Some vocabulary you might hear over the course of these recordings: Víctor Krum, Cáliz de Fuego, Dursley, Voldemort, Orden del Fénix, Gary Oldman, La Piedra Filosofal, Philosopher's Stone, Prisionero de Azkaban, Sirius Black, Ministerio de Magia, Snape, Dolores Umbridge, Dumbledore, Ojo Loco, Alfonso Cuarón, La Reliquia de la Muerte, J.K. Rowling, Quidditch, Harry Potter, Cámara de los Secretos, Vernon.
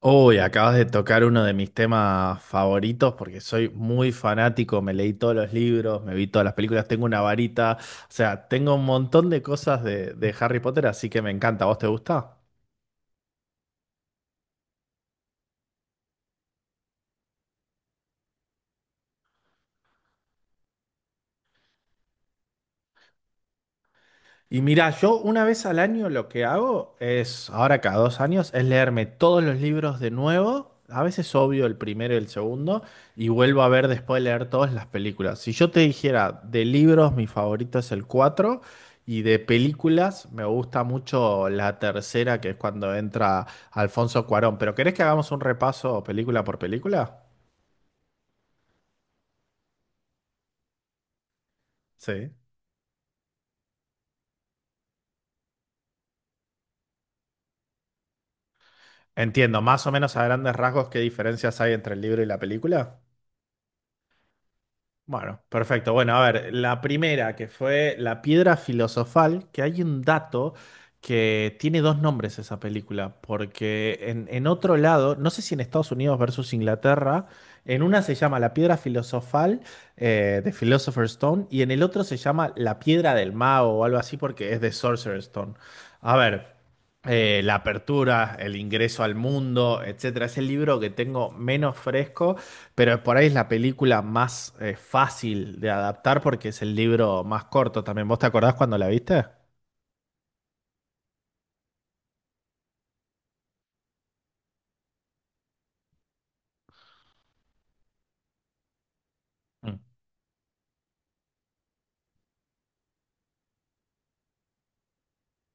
Uy, acabas de tocar uno de mis temas favoritos porque soy muy fanático, me leí todos los libros, me vi todas las películas, tengo una varita, o sea, tengo un montón de cosas de Harry Potter, así que me encanta. ¿A ¿Vos te gusta? Y mira, yo una vez al año lo que hago es, ahora cada dos años, es leerme todos los libros de nuevo. A veces obvio el primero y el segundo, y vuelvo a ver después de leer todas las películas. Si yo te dijera de libros, mi favorito es el 4 y de películas me gusta mucho la tercera, que es cuando entra Alfonso Cuarón. Pero ¿querés que hagamos un repaso película por película? Sí. Entiendo, más o menos a grandes rasgos qué diferencias hay entre el libro y la película. Bueno, perfecto. Bueno, a ver, la primera que fue La Piedra Filosofal, que hay un dato que tiene dos nombres esa película, porque en otro lado, no sé si en Estados Unidos versus Inglaterra, en una se llama La Piedra Filosofal de Philosopher's Stone y en el otro se llama La Piedra del Mago o algo así porque es de Sorcerer's Stone. A ver. Eh, la apertura, el ingreso al mundo, etcétera. Es el libro que tengo menos fresco, pero por ahí es la película más fácil de adaptar porque es el libro más corto también. ¿Vos te acordás cuando la viste? Mm,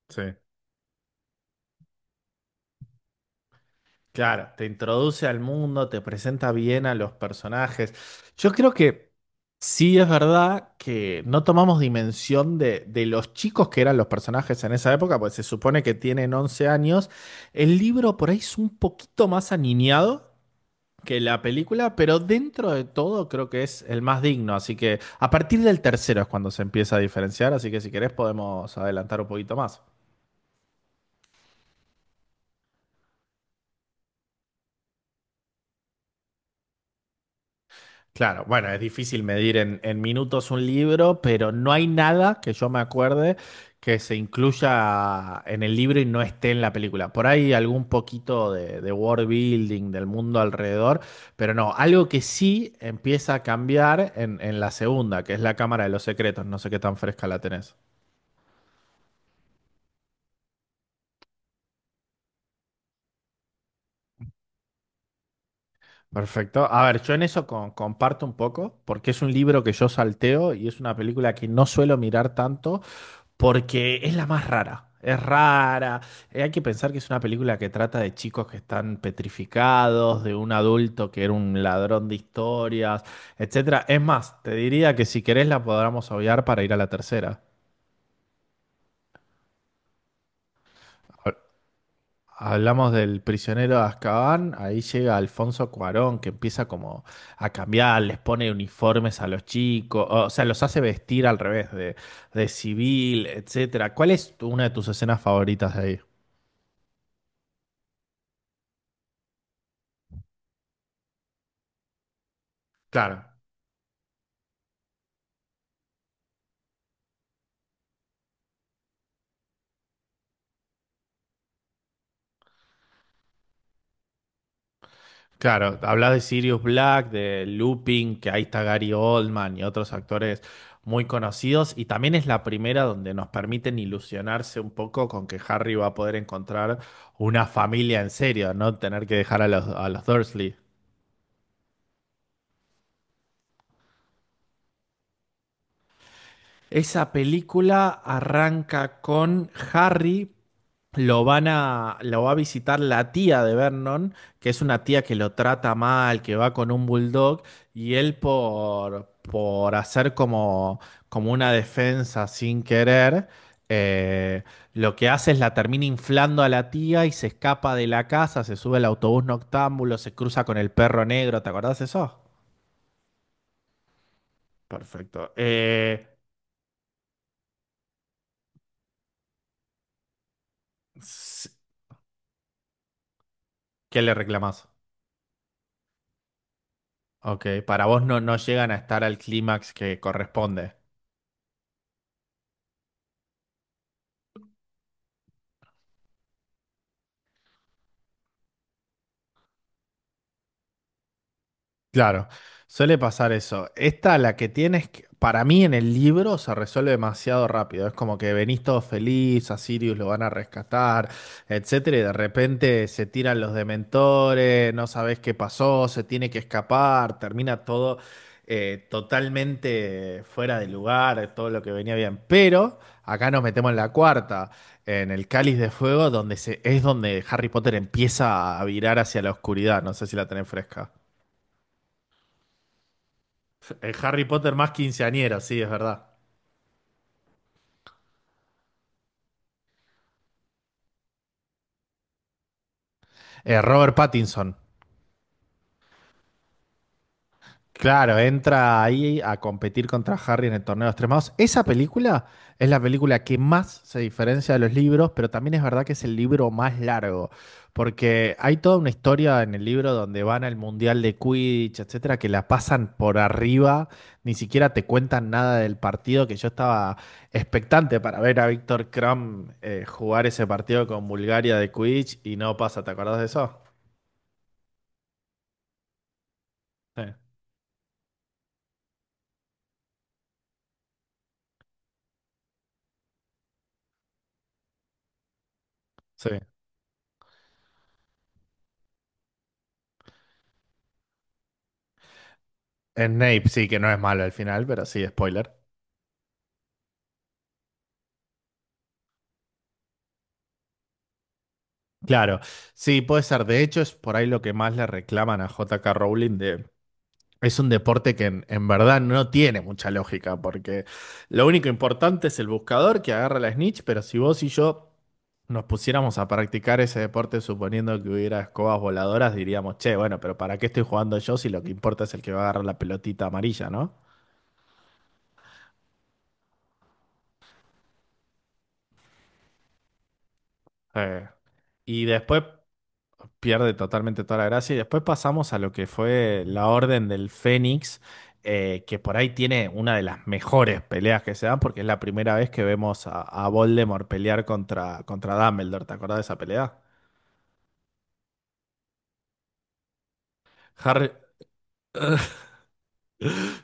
Sí. Claro, te introduce al mundo, te presenta bien a los personajes. Yo creo que sí es verdad que no tomamos dimensión de los chicos que eran los personajes en esa época, pues se supone que tienen 11 años. El libro por ahí es un poquito más aniñado, que la película, pero dentro de todo creo que es el más digno. Así que a partir del tercero es cuando se empieza a diferenciar, así que si querés podemos adelantar un poquito más. Claro, bueno, es difícil medir en minutos un libro, pero no hay nada que yo me acuerde que se incluya en el libro y no esté en la película. Por ahí algún poquito de world building, del mundo alrededor, pero no, algo que sí empieza a cambiar en la segunda, que es la Cámara de los Secretos, no sé qué tan fresca la tenés. Perfecto. A ver, yo en eso comparto un poco, porque es un libro que yo salteo y es una película que no suelo mirar tanto porque es la más rara. Es rara. Hay que pensar que es una película que trata de chicos que están petrificados, de un adulto que era un ladrón de historias, etcétera. Es más, te diría que si querés la podamos obviar para ir a la tercera. Hablamos del prisionero de Azkaban, ahí llega Alfonso Cuarón que empieza como a cambiar, les pone uniformes a los chicos, o sea, los hace vestir al revés de civil, etcétera. ¿Cuál es una de tus escenas favoritas de ahí? Claro, claro, hablas de Sirius Black, de Lupin, que ahí está Gary Oldman y otros actores muy conocidos, y también es la primera donde nos permiten ilusionarse un poco con que Harry va a poder encontrar una familia en serio, no tener que dejar a los Dursley. Esa película arranca con Harry, lo van a, lo va a visitar la tía de Vernon, que es una tía que lo trata mal, que va con un bulldog, y él por hacer como, como una defensa sin querer, eh, lo que hace es la termina inflando a la tía y se escapa de la casa, se sube al autobús noctámbulo, se cruza con el perro negro, ¿te acordás de eso? Perfecto. S- ¿Qué le reclamás? Ok, para vos no, no llegan a estar al clímax que corresponde. Claro, suele pasar eso. Esta, la que tienes, para mí en el libro se resuelve demasiado rápido. Es como que venís todo feliz, a Sirius lo van a rescatar, etcétera, y de repente se tiran los dementores, no sabés qué pasó, se tiene que escapar, termina todo totalmente fuera de lugar, todo lo que venía bien. Pero acá nos metemos en la cuarta, en el Cáliz de Fuego, donde se, es donde Harry Potter empieza a virar hacia la oscuridad. No sé si la tenés fresca. El Harry Potter más quinceañero, sí, es verdad. Robert Pattinson. Claro, entra ahí a competir contra Harry en el torneo de los tres magos. Esa película es la película que más se diferencia de los libros, pero también es verdad que es el libro más largo, porque hay toda una historia en el libro donde van al mundial de Quidditch, etcétera, que la pasan por arriba, ni siquiera te cuentan nada del partido, que yo estaba expectante para ver a Víctor Krum jugar ese partido con Bulgaria de Quidditch y no pasa, ¿te acordás de eso? Sí, sí. Snape sí que no es malo al final, pero sí, spoiler. Claro, sí, puede ser. De hecho, es por ahí lo que más le reclaman a J.K. Rowling de... Es un deporte que en verdad no tiene mucha lógica, porque lo único importante es el buscador que agarra la snitch, pero si vos y yo nos pusiéramos a practicar ese deporte suponiendo que hubiera escobas voladoras, diríamos, che, bueno, pero ¿para qué estoy jugando yo si lo que importa es el que va a agarrar la pelotita amarilla, ¿no? Eh, y después pierde totalmente toda la gracia. Y después pasamos a lo que fue la Orden del Fénix, que por ahí tiene una de las mejores peleas que se dan, porque es la primera vez que vemos a Voldemort pelear contra, contra Dumbledore. ¿Te acordás de esa pelea? Harry,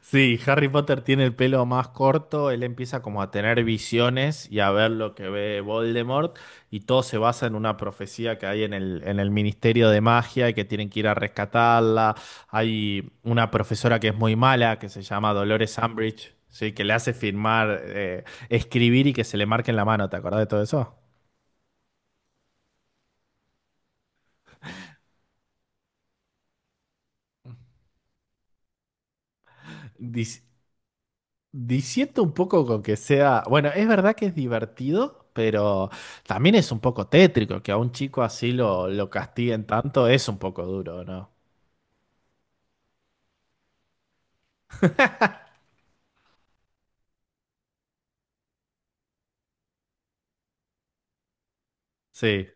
Sí, Harry Potter tiene el pelo más corto, él empieza como a tener visiones y a ver lo que ve Voldemort y todo se basa en una profecía que hay en el Ministerio de Magia y que tienen que ir a rescatarla. Hay una profesora que es muy mala, que se llama Dolores Umbridge, ¿sí? que le hace firmar, escribir y que se le marque en la mano, ¿te acordás de todo eso? Dic- Diciendo un poco con que sea, bueno, es verdad que es divertido, pero también es un poco tétrico que a un chico así lo castiguen tanto, es un poco duro, ¿no? Sí,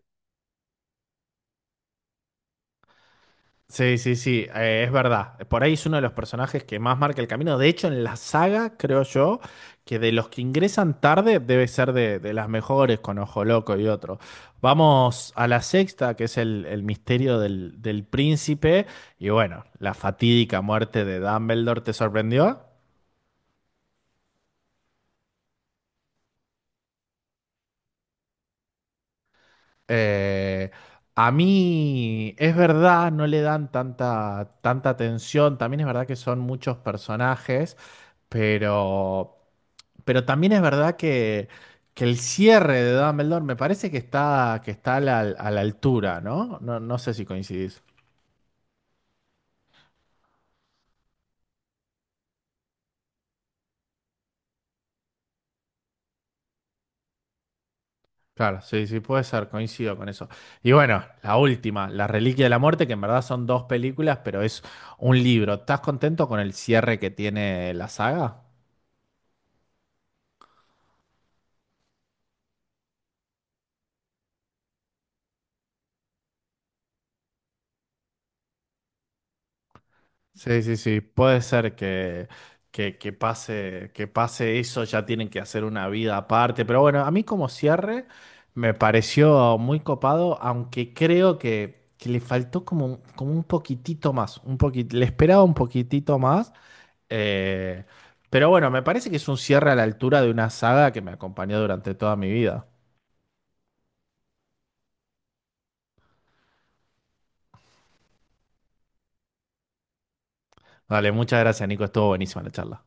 sí, es verdad. Por ahí es uno de los personajes que más marca el camino. De hecho, en la saga, creo yo, que de los que ingresan tarde debe ser de las mejores, con Ojo Loco y otro. Vamos a la sexta, que es el misterio del príncipe. Y bueno, la fatídica muerte de Dumbledore, ¿te sorprendió? Eh, a mí es verdad, no le dan tanta, tanta atención. También es verdad que son muchos personajes, pero, pero también es verdad que el cierre de Dumbledore me parece que está a la altura, ¿no? No sé si coincidís. Claro, sí, sí, puede ser, coincido con eso. Y bueno, la última, La Reliquia de la Muerte, que en verdad son dos películas, pero es un libro. ¿Estás contento con el cierre que tiene la saga? Sí, sí, sí, puede ser que pase eso, ya tienen que hacer una vida aparte, pero bueno, a mí como cierre me pareció muy copado, aunque creo que le faltó como, como un poquitito más, le esperaba un poquitito más, eh, pero bueno, me parece que es un cierre a la altura de una saga que me acompañó durante toda mi vida. Dale, muchas gracias, Nico, estuvo buenísima la charla.